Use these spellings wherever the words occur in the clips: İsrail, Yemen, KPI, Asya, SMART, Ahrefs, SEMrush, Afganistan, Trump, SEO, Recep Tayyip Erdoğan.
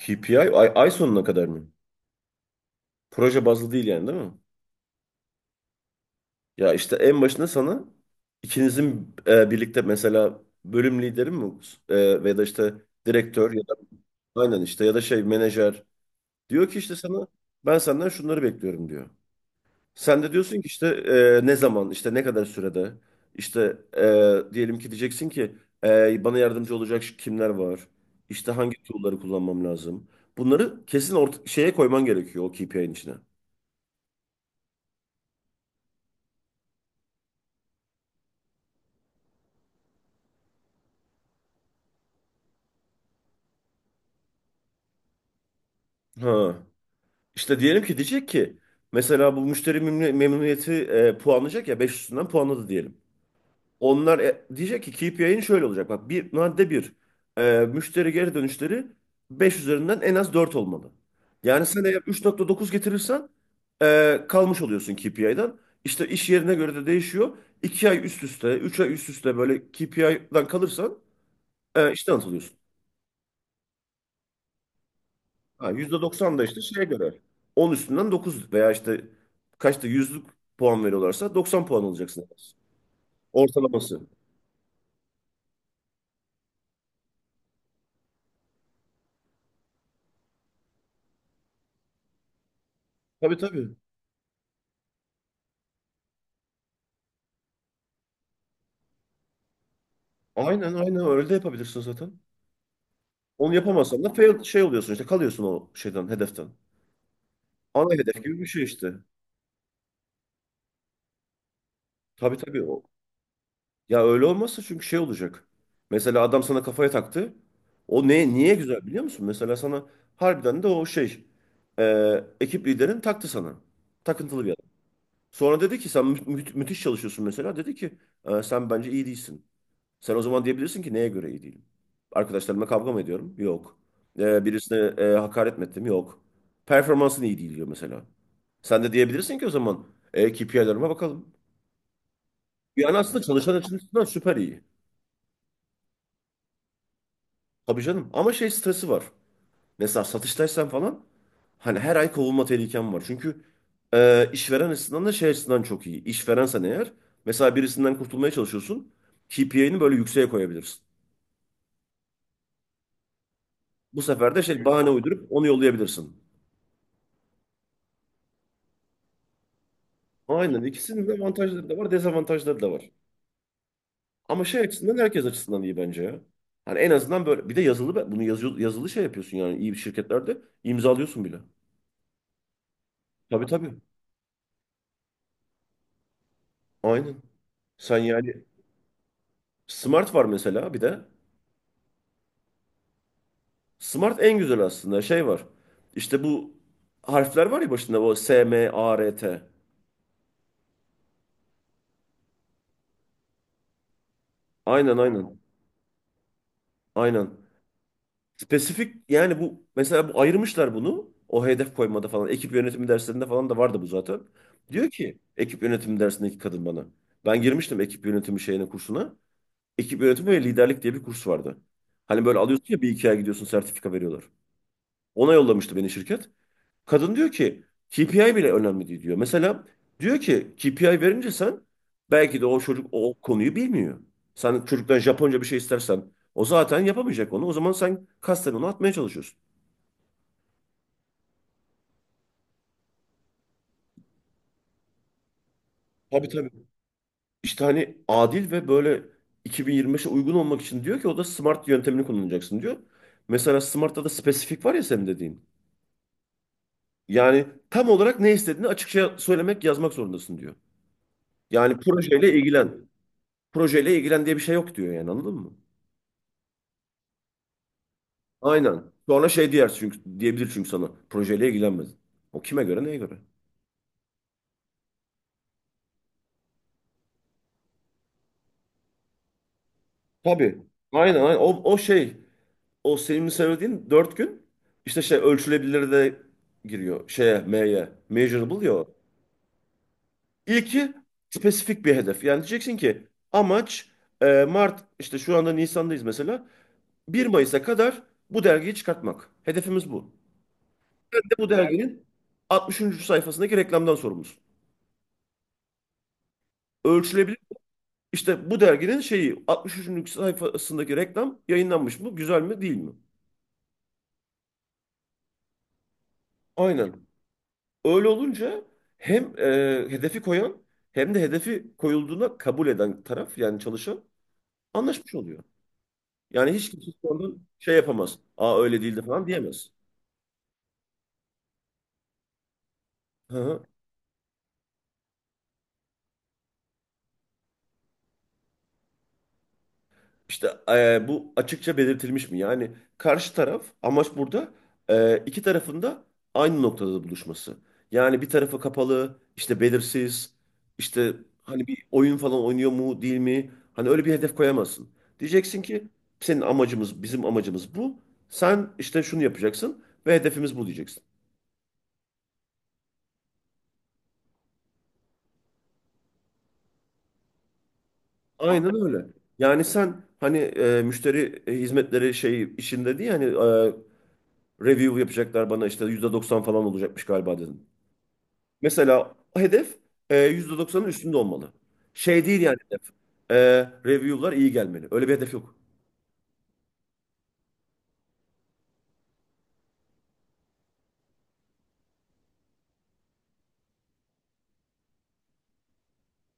KPI ay, ay sonuna kadar mı? Proje bazlı değil yani değil mi? Ya işte en başında sana ikinizin birlikte mesela bölüm lideri mi ve da işte direktör ya da aynen işte ya da şey menajer diyor ki işte sana ben senden şunları bekliyorum diyor. Sen de diyorsun ki işte ne zaman işte ne kadar sürede işte diyelim ki diyeceksin ki bana yardımcı olacak şu kimler var? İşte hangi tool'ları kullanmam lazım? Bunları kesin orta, şeye koyman gerekiyor o KPI'nin içine. Ha. İşte diyelim ki diyecek ki mesela bu memnuniyeti puanlayacak ya 5 üstünden puanladı diyelim. Onlar diyecek ki KPI'nin şöyle olacak. Bak bir madde bir, müşteri geri dönüşleri 5 üzerinden en az 4 olmalı. Yani sen eğer 3,9 getirirsen kalmış oluyorsun KPI'den. İşte iş yerine göre de değişiyor. 2 ay üst üste, 3 ay üst üste böyle KPI'den kalırsan işten atılıyorsun. Ha, %90 da işte şeye göre. 10 üstünden 9 veya işte kaçta yüzlük puan veriyorlarsa 90 puan alacaksın, en az. Ortalaması. Tabii, tabii. Aynen, aynen öyle de yapabilirsin zaten. Onu yapamazsan da fail şey oluyorsun işte, kalıyorsun o şeyden, hedeften. Ana hedef gibi bir şey işte. Tabii, tabii. O. Ya öyle olmazsa çünkü şey olacak. Mesela adam sana kafaya taktı. O ne, niye güzel biliyor musun? Mesela sana harbiden de o şey, ekip liderin taktı sana. Takıntılı bir. Sonra dedi ki sen müthiş çalışıyorsun mesela. Dedi ki sen bence iyi değilsin." Sen o zaman diyebilirsin ki neye göre iyi değilim? Arkadaşlarımla kavga mı ediyorum? Yok. Birisine hakaret mi ettim? Yok. Performansın iyi değil diyor mesela. Sen de diyebilirsin ki o zaman KPI'lerime bakalım. Yani aslında çalışan açısından süper iyi. Tabii canım. Ama şey stresi var. Mesela satıştaysan falan hani her ay kovulma tehlikem var. Çünkü işveren açısından da şey açısından çok iyi. İşverensen eğer mesela birisinden kurtulmaya çalışıyorsun. KPI'ni böyle yükseğe koyabilirsin. Bu sefer de şey bahane uydurup onu yollayabilirsin. Aynen, ikisinin de avantajları da var, dezavantajları da var. Ama şey açısından herkes açısından iyi bence ya. Hani en azından böyle bir de yazılı, bunu yazıyor, yazılı şey yapıyorsun yani iyi bir şirketlerde imzalıyorsun bile. Tabii, tabii. Aynen. Sen yani Smart var mesela bir de. Smart en güzel aslında şey var. İşte bu harfler var ya başında, o S, M, A, R, T. Aynen, aynen. Aynen. Spesifik yani bu mesela bu ayırmışlar bunu. O hedef koymada falan. Ekip yönetimi derslerinde falan da vardı bu zaten. Diyor ki ekip yönetimi dersindeki kadın bana. Ben girmiştim ekip yönetimi şeyine, kursuna. Ekip yönetimi ve liderlik diye bir kurs vardı. Hani böyle alıyorsun ya, bir iki ay gidiyorsun sertifika veriyorlar. Ona yollamıştı beni şirket. Kadın diyor ki KPI bile önemli değil diyor. Mesela diyor ki KPI verince sen belki de o çocuk o konuyu bilmiyor. Sen çocuktan Japonca bir şey istersen o zaten yapamayacak onu. O zaman sen kasten onu atmaya çalışıyorsun. Tabii, tabii. İşte hani adil ve böyle 2025'e uygun olmak için diyor ki o da SMART yöntemini kullanacaksın diyor. Mesela SMART'ta da spesifik var ya senin dediğin. Yani tam olarak ne istediğini açıkça söylemek, yazmak zorundasın diyor. Yani projeyle ilgilen. Projeyle ilgilen diye bir şey yok diyor yani, anladın mı? Aynen. Sonra şey diyer çünkü, diyebilir çünkü sana. Projeyle ilgilenmedin. O kime göre, neye göre? Tabii. Aynen, aynen. O şey, o senin söylediğin dört gün işte şey, ölçülebilir de giriyor şeye, M'ye. Measurable ya, o. İlki spesifik bir hedef. Yani diyeceksin ki amaç, Mart, işte şu anda Nisan'dayız mesela, bir Mayıs'a kadar bu dergiyi çıkartmak. Hedefimiz bu. Bir de bu derginin 60. sayfasındaki reklamdan sorumlusun. İşte bu derginin şeyi 63. sayfasındaki reklam yayınlanmış mı? Güzel mi, değil mi? Aynen. Öyle olunca hem hedefi koyan hem de hedefi koyulduğuna kabul eden taraf yani çalışan anlaşmış oluyor. Yani hiç kimse sonradan şey yapamaz. Aa, öyle değildi falan diyemez. Hı hı. İşte bu açıkça belirtilmiş mi? Yani karşı taraf, amaç burada iki tarafın da aynı noktada buluşması. Yani bir tarafı kapalı, işte belirsiz, işte hani bir oyun falan oynuyor mu değil mi? Hani öyle bir hedef koyamazsın. Diyeceksin ki senin amacımız, bizim amacımız bu. Sen işte şunu yapacaksın ve hedefimiz bu diyeceksin. Aynen öyle. Yani sen hani müşteri hizmetleri şey işinde diye hani review yapacaklar bana işte %90 falan olacakmış galiba dedim. Mesela o hedef %90'ın üstünde olmalı. Şey değil yani hedef. E, review'lar iyi gelmeli. Öyle bir hedef yok.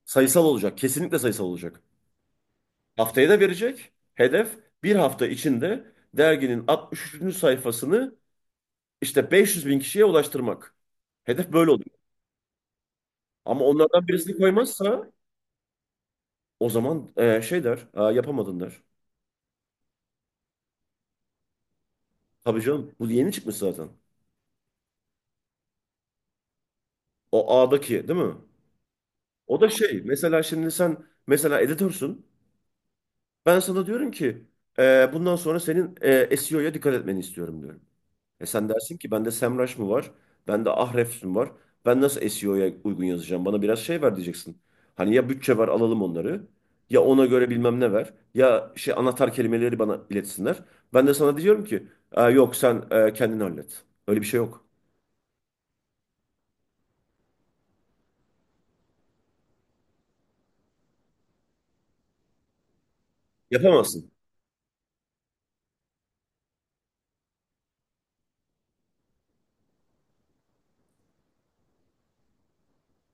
Sayısal olacak. Kesinlikle sayısal olacak. Haftaya da verecek. Hedef bir hafta içinde derginin 63. sayfasını işte 500 bin kişiye ulaştırmak. Hedef böyle oluyor. Ama onlardan birisini koymazsa o zaman şey der. "Aa, yapamadın" der. Tabii canım. Bu yeni çıkmış zaten. O A'daki değil mi? O da şey. Mesela şimdi sen mesela editörsün. Ben sana diyorum ki bundan sonra senin SEO'ya dikkat etmeni istiyorum diyorum. E sen dersin ki bende SEMrush mı var? Bende Ahrefs mi var? Ben nasıl SEO'ya uygun yazacağım? Bana biraz şey ver diyeceksin. Hani ya bütçe ver, alalım onları. Ya ona göre bilmem ne ver. Ya şey, anahtar kelimeleri bana iletsinler. Ben de sana diyorum ki "Aa, yok, sen kendin hallet." Öyle bir şey yok. Yapamazsın.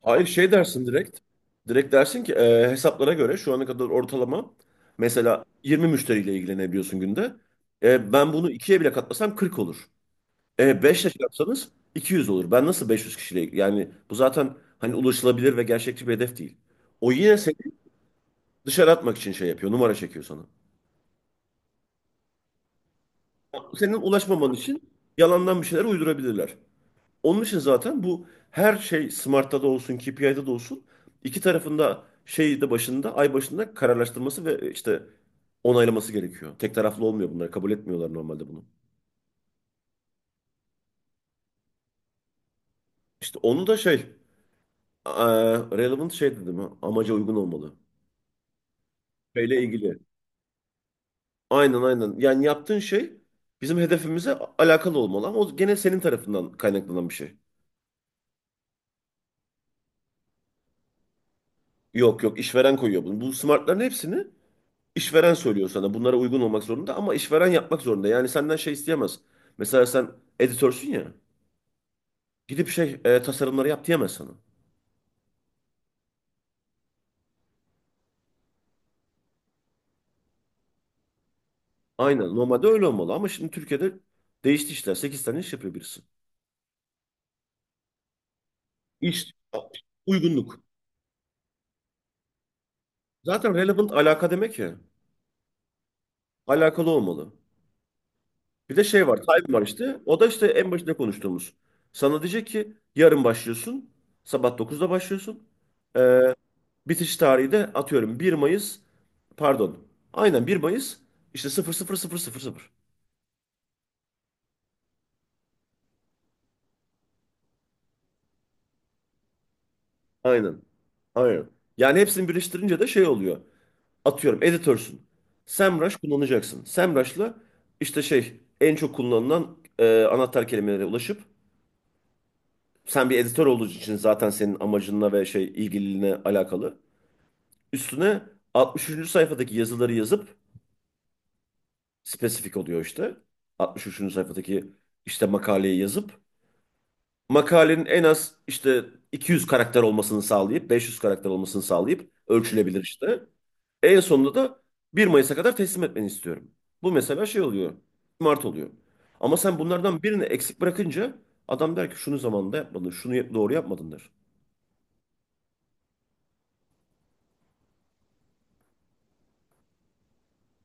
Hayır şey dersin direkt. Direkt dersin ki hesaplara göre şu ana kadar ortalama mesela 20 müşteriyle ilgilenebiliyorsun günde. Ben bunu ikiye bile katlasam 40 olur. 5 ile çarpsanız 200 olur. Ben nasıl 500 kişiyle, yani bu zaten hani ulaşılabilir ve gerçekçi bir hedef değil. O yine seni dışarı atmak için şey yapıyor. Numara çekiyor sana. Senin ulaşmaman için yalandan bir şeyler uydurabilirler. Onun için zaten bu, her şey Smart'ta da olsun, KPI'de de olsun iki tarafında şeyi de başında, ay başında kararlaştırması ve işte onaylaması gerekiyor. Tek taraflı olmuyor bunlar. Kabul etmiyorlar normalde bunu. İşte onu da şey, relevant şey dedim, ha, amaca uygun olmalı. Şeyle ilgili. Aynen, aynen. Yani yaptığın şey bizim hedefimize alakalı olmalı, ama o gene senin tarafından kaynaklanan bir şey. Yok yok, işveren koyuyor bunu. Bu smartların hepsini İşveren söylüyor sana, bunlara uygun olmak zorunda ama işveren yapmak zorunda. Yani senden şey isteyemez. Mesela sen editörsün ya. Gidip şey, tasarımları yap diyemez sana. Aynen, normalde öyle olmalı ama şimdi Türkiye'de değişti işler. 8 tane iş yapıyor birisi. İş uygunluk. Zaten relevant alaka demek ya. Alakalı olmalı. Bir de şey var, time var işte. O da işte en başında konuştuğumuz. Sana diyecek ki yarın başlıyorsun. Sabah dokuzda başlıyorsun. Bitiş tarihi de atıyorum bir Mayıs, pardon. Aynen, bir Mayıs işte sıfır sıfır sıfır sıfır sıfır. Aynen. Aynen. Yani hepsini birleştirince de şey oluyor. Atıyorum editörsün. Semrush kullanacaksın. Semrush'la işte şey, en çok kullanılan anahtar kelimelere ulaşıp sen bir editör olduğu için zaten senin amacınla ve şey, ilgililiğine alakalı. Üstüne 63. sayfadaki yazıları yazıp spesifik oluyor işte. 63. sayfadaki işte makaleyi yazıp makalenin en az işte 200 karakter olmasını sağlayıp 500 karakter olmasını sağlayıp ölçülebilir işte. En sonunda da 1 Mayıs'a kadar teslim etmeni istiyorum. Bu mesela şey oluyor. Mart oluyor. Ama sen bunlardan birini eksik bırakınca adam der ki şunu zamanında yapmadın, doğru yapmadın der.